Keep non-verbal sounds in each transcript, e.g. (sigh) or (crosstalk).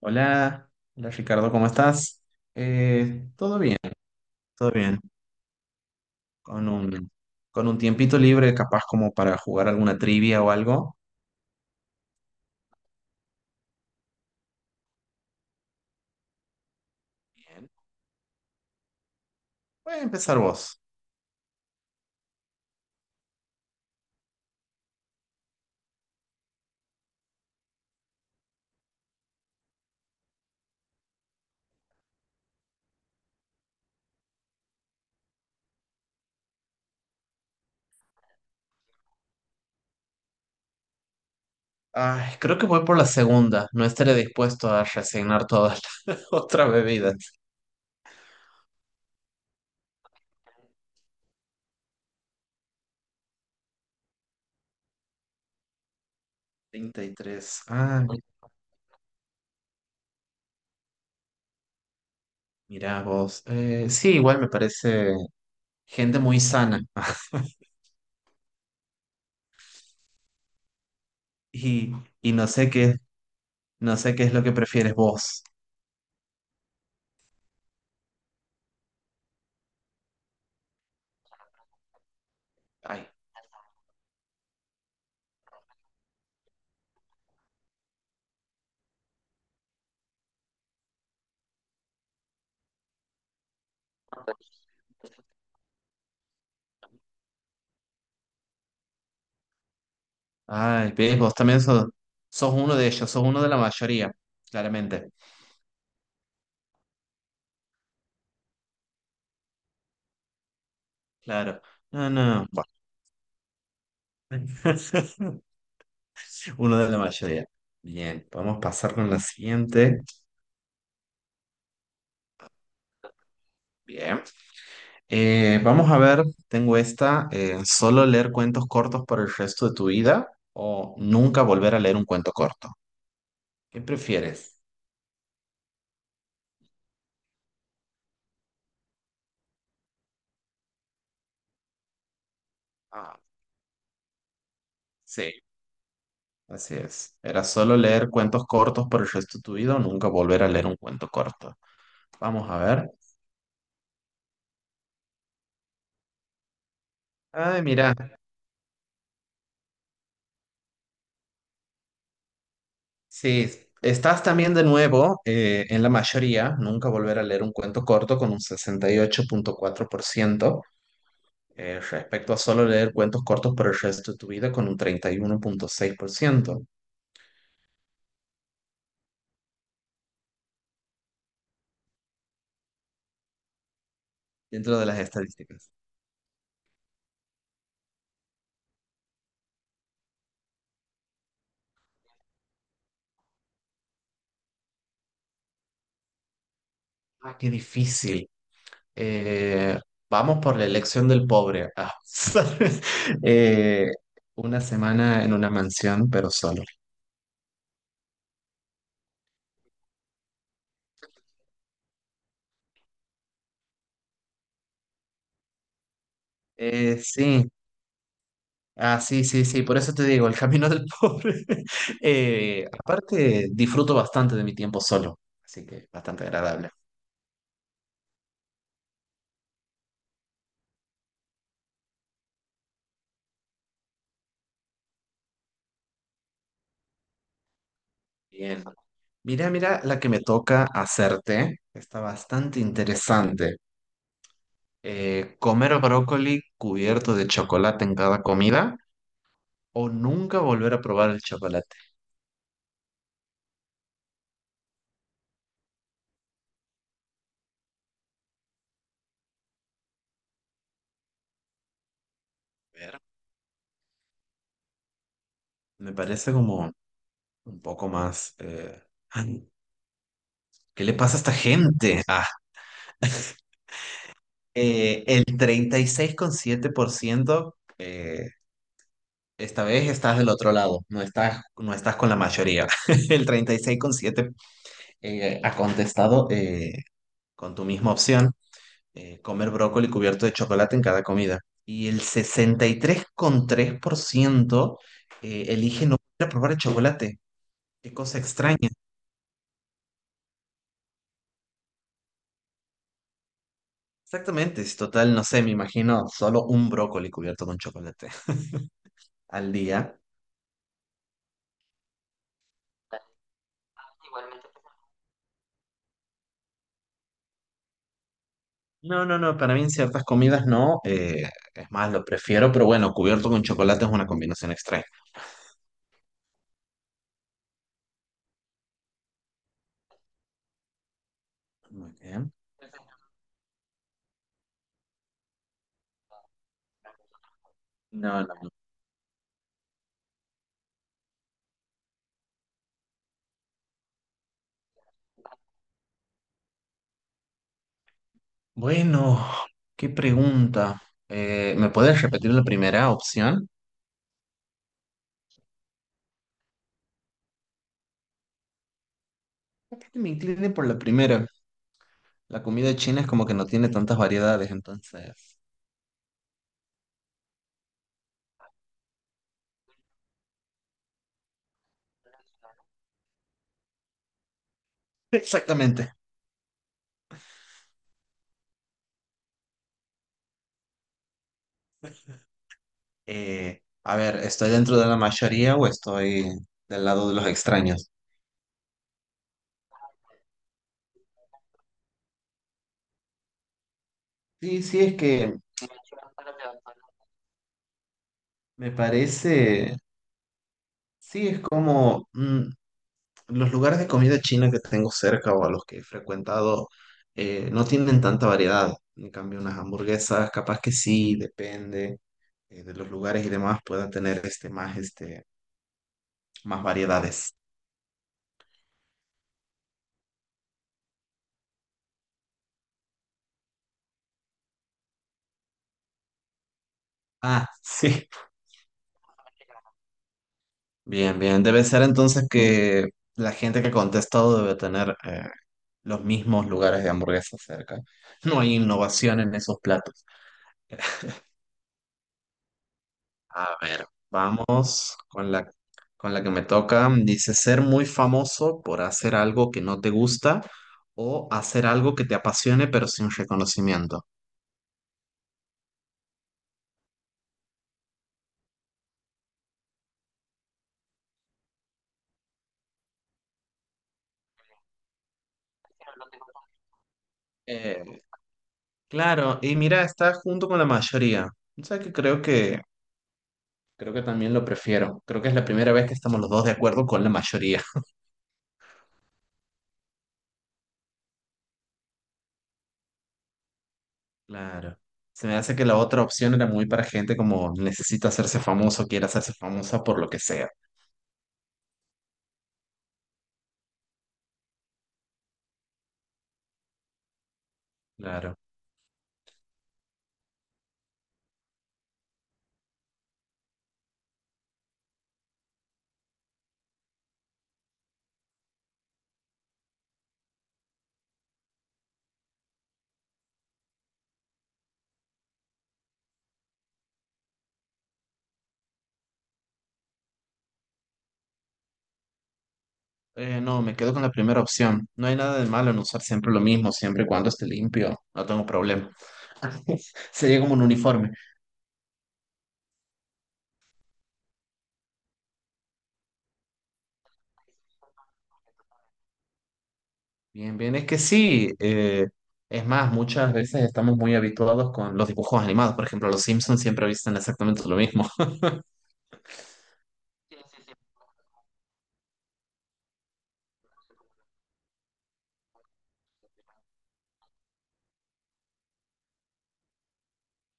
Hola, hola Ricardo, ¿cómo estás? Todo bien, todo bien. Con un, con un tiempito libre, capaz como para jugar alguna trivia o algo. Bien. Voy a empezar vos. Ay, creo que voy por la segunda. No estaré dispuesto a resignar todas (laughs) las otras bebidas. 33. Ah, mira vos. Sí, igual me parece gente muy sana. Y, y no sé qué es lo que prefieres vos. Ay, ay, ves, sos uno de ellos, sos uno de la mayoría, claramente. Claro. No, no. Bueno. (laughs) Uno de la mayoría. Bien, vamos a pasar con la siguiente. Bien. Vamos a ver, tengo esta, solo leer cuentos cortos por el resto de tu vida o nunca volver a leer un cuento corto. ¿Qué prefieres? Ah, sí, así es. Era solo leer cuentos cortos por el resto de tu vida o nunca volver a leer un cuento corto. Vamos a ver. Ay, mira. Sí, estás también de nuevo en la mayoría, nunca volver a leer un cuento corto con un 68,4%, respecto a solo leer cuentos cortos por el resto de tu vida con un 31,6%, dentro de las estadísticas. Ah, qué difícil. Eh, Vamos por la elección del pobre. Ah, (laughs) ¿sabes? Eh, una semana en una mansión, pero solo. Sí, ah, sí, sí, sí, por eso te digo, el camino del pobre. (laughs) Aparte, disfruto bastante de mi tiempo solo, así que bastante agradable. Bien. Mira, mira la que me toca hacerte. Está bastante interesante. ¿Comer brócoli cubierto de chocolate en cada comida o nunca volver a probar el chocolate? A ver, me parece como un poco más... ay, ¿qué le pasa a esta gente? Ah, (laughs) el 36,7%. Esta vez estás del otro lado, no estás con la mayoría. (laughs) El 36,7 ha contestado con tu misma opción, comer brócoli cubierto de chocolate en cada comida. Y el 63,3% elige no volver a probar el chocolate. Qué cosa extraña. Exactamente, es total, no sé, me imagino solo un brócoli cubierto con chocolate (laughs) al día. Igualmente. No, no, no, para mí en ciertas comidas no. Es más, lo prefiero, pero bueno, cubierto con chocolate es una combinación extraña. Muy bien. No, no. Bueno, qué pregunta. ¿Me puedes repetir la primera opción? Capaz que me incline por la primera. La comida china es como que no tiene tantas variedades, entonces. Exactamente. A ver, ¿estoy dentro de la mayoría o estoy del lado de los extraños? Sí, sí, es que me parece, sí, es como, mm, los lugares de comida china que tengo cerca o a los que he frecuentado no tienen tanta variedad. En cambio, unas hamburguesas, capaz que sí, depende de los lugares y demás, puedan tener este, más variedades. Ah, (laughs) sí. Bien, bien. Debe ser entonces que la gente que ha contestado debe tener los mismos lugares de hamburguesas cerca. No hay innovación en esos platos. A ver, con la que me toca. Dice, ser muy famoso por hacer algo que no te gusta o hacer algo que te apasione pero sin reconocimiento. Eh, claro, y mira, está junto con la mayoría. O sea que creo que también lo prefiero. Creo que es la primera vez que estamos los dos de acuerdo con la mayoría. (laughs) Claro. Se me hace que la otra opción era muy para gente como necesita hacerse famoso, quiere hacerse famosa por lo que sea. Claro. No, me quedo con la primera opción. No hay nada de malo en usar siempre lo mismo, siempre y cuando esté limpio. No tengo problema. (laughs) Sería como un uniforme. Bien, bien, es que sí. Es más, muchas veces estamos muy habituados con los dibujos animados. Por ejemplo, los Simpsons siempre visten exactamente lo mismo. (laughs)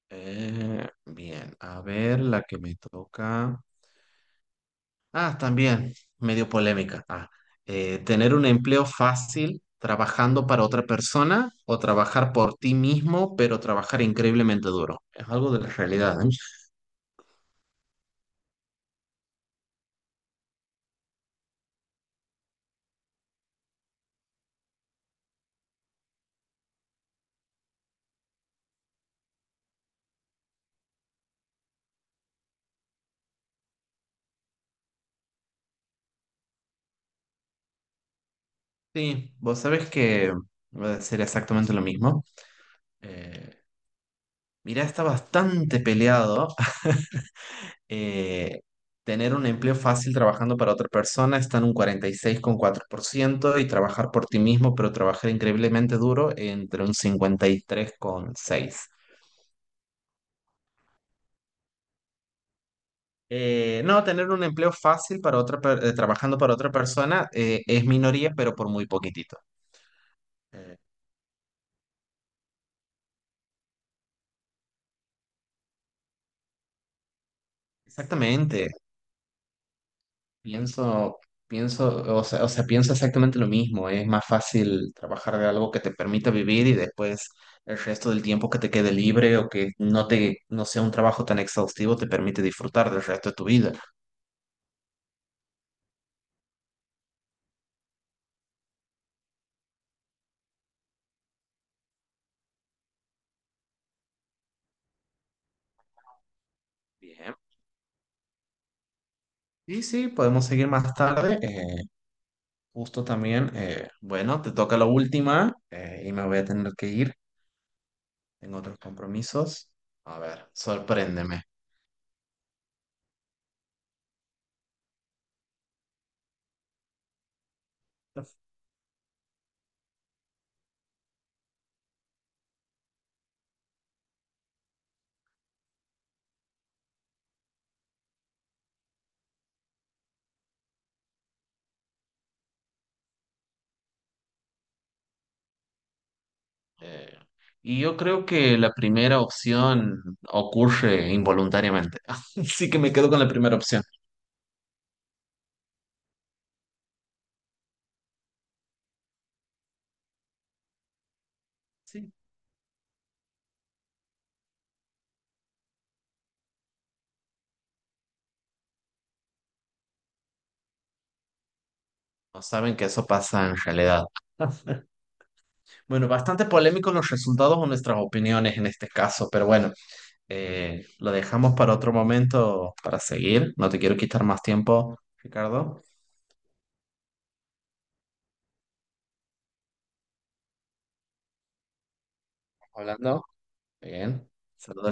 Bien, a ver la que me toca. Ah, también, medio polémica. Ah, tener un empleo fácil trabajando para otra persona o trabajar por ti mismo, pero trabajar increíblemente duro. Es algo de la realidad, ¿eh? Sí, vos sabés que voy a decir exactamente lo mismo. Eh, Mirá, está bastante peleado. (laughs) Eh, Tener un empleo fácil trabajando para otra persona está en un 46,4% y trabajar por ti mismo, pero trabajar increíblemente duro entre un 53,6%. No, tener un empleo fácil para trabajando para otra persona es minoría, pero por muy poquitito. Eh, Exactamente, pienso, pienso, o sea, pienso exactamente lo mismo. Es más fácil trabajar de algo que te permita vivir y después el resto del tiempo que te quede libre o que no sea un trabajo tan exhaustivo te permite disfrutar del resto de tu vida. Bien. Sí, sí, podemos seguir más tarde. Justo también, bueno, te toca la última y me voy a tener que ir. Tengo otros compromisos. A ver, sorpréndeme. Eh, y yo creo que la primera opción ocurre involuntariamente. (laughs) Así que me quedo con la primera opción. Sí. No saben que eso pasa en realidad. (laughs) Bueno, bastante polémicos los resultados o nuestras opiniones en este caso, pero bueno, lo dejamos para otro momento para seguir. No te quiero quitar más tiempo, Ricardo. Hablando. Bien. Saludos, Ricardo.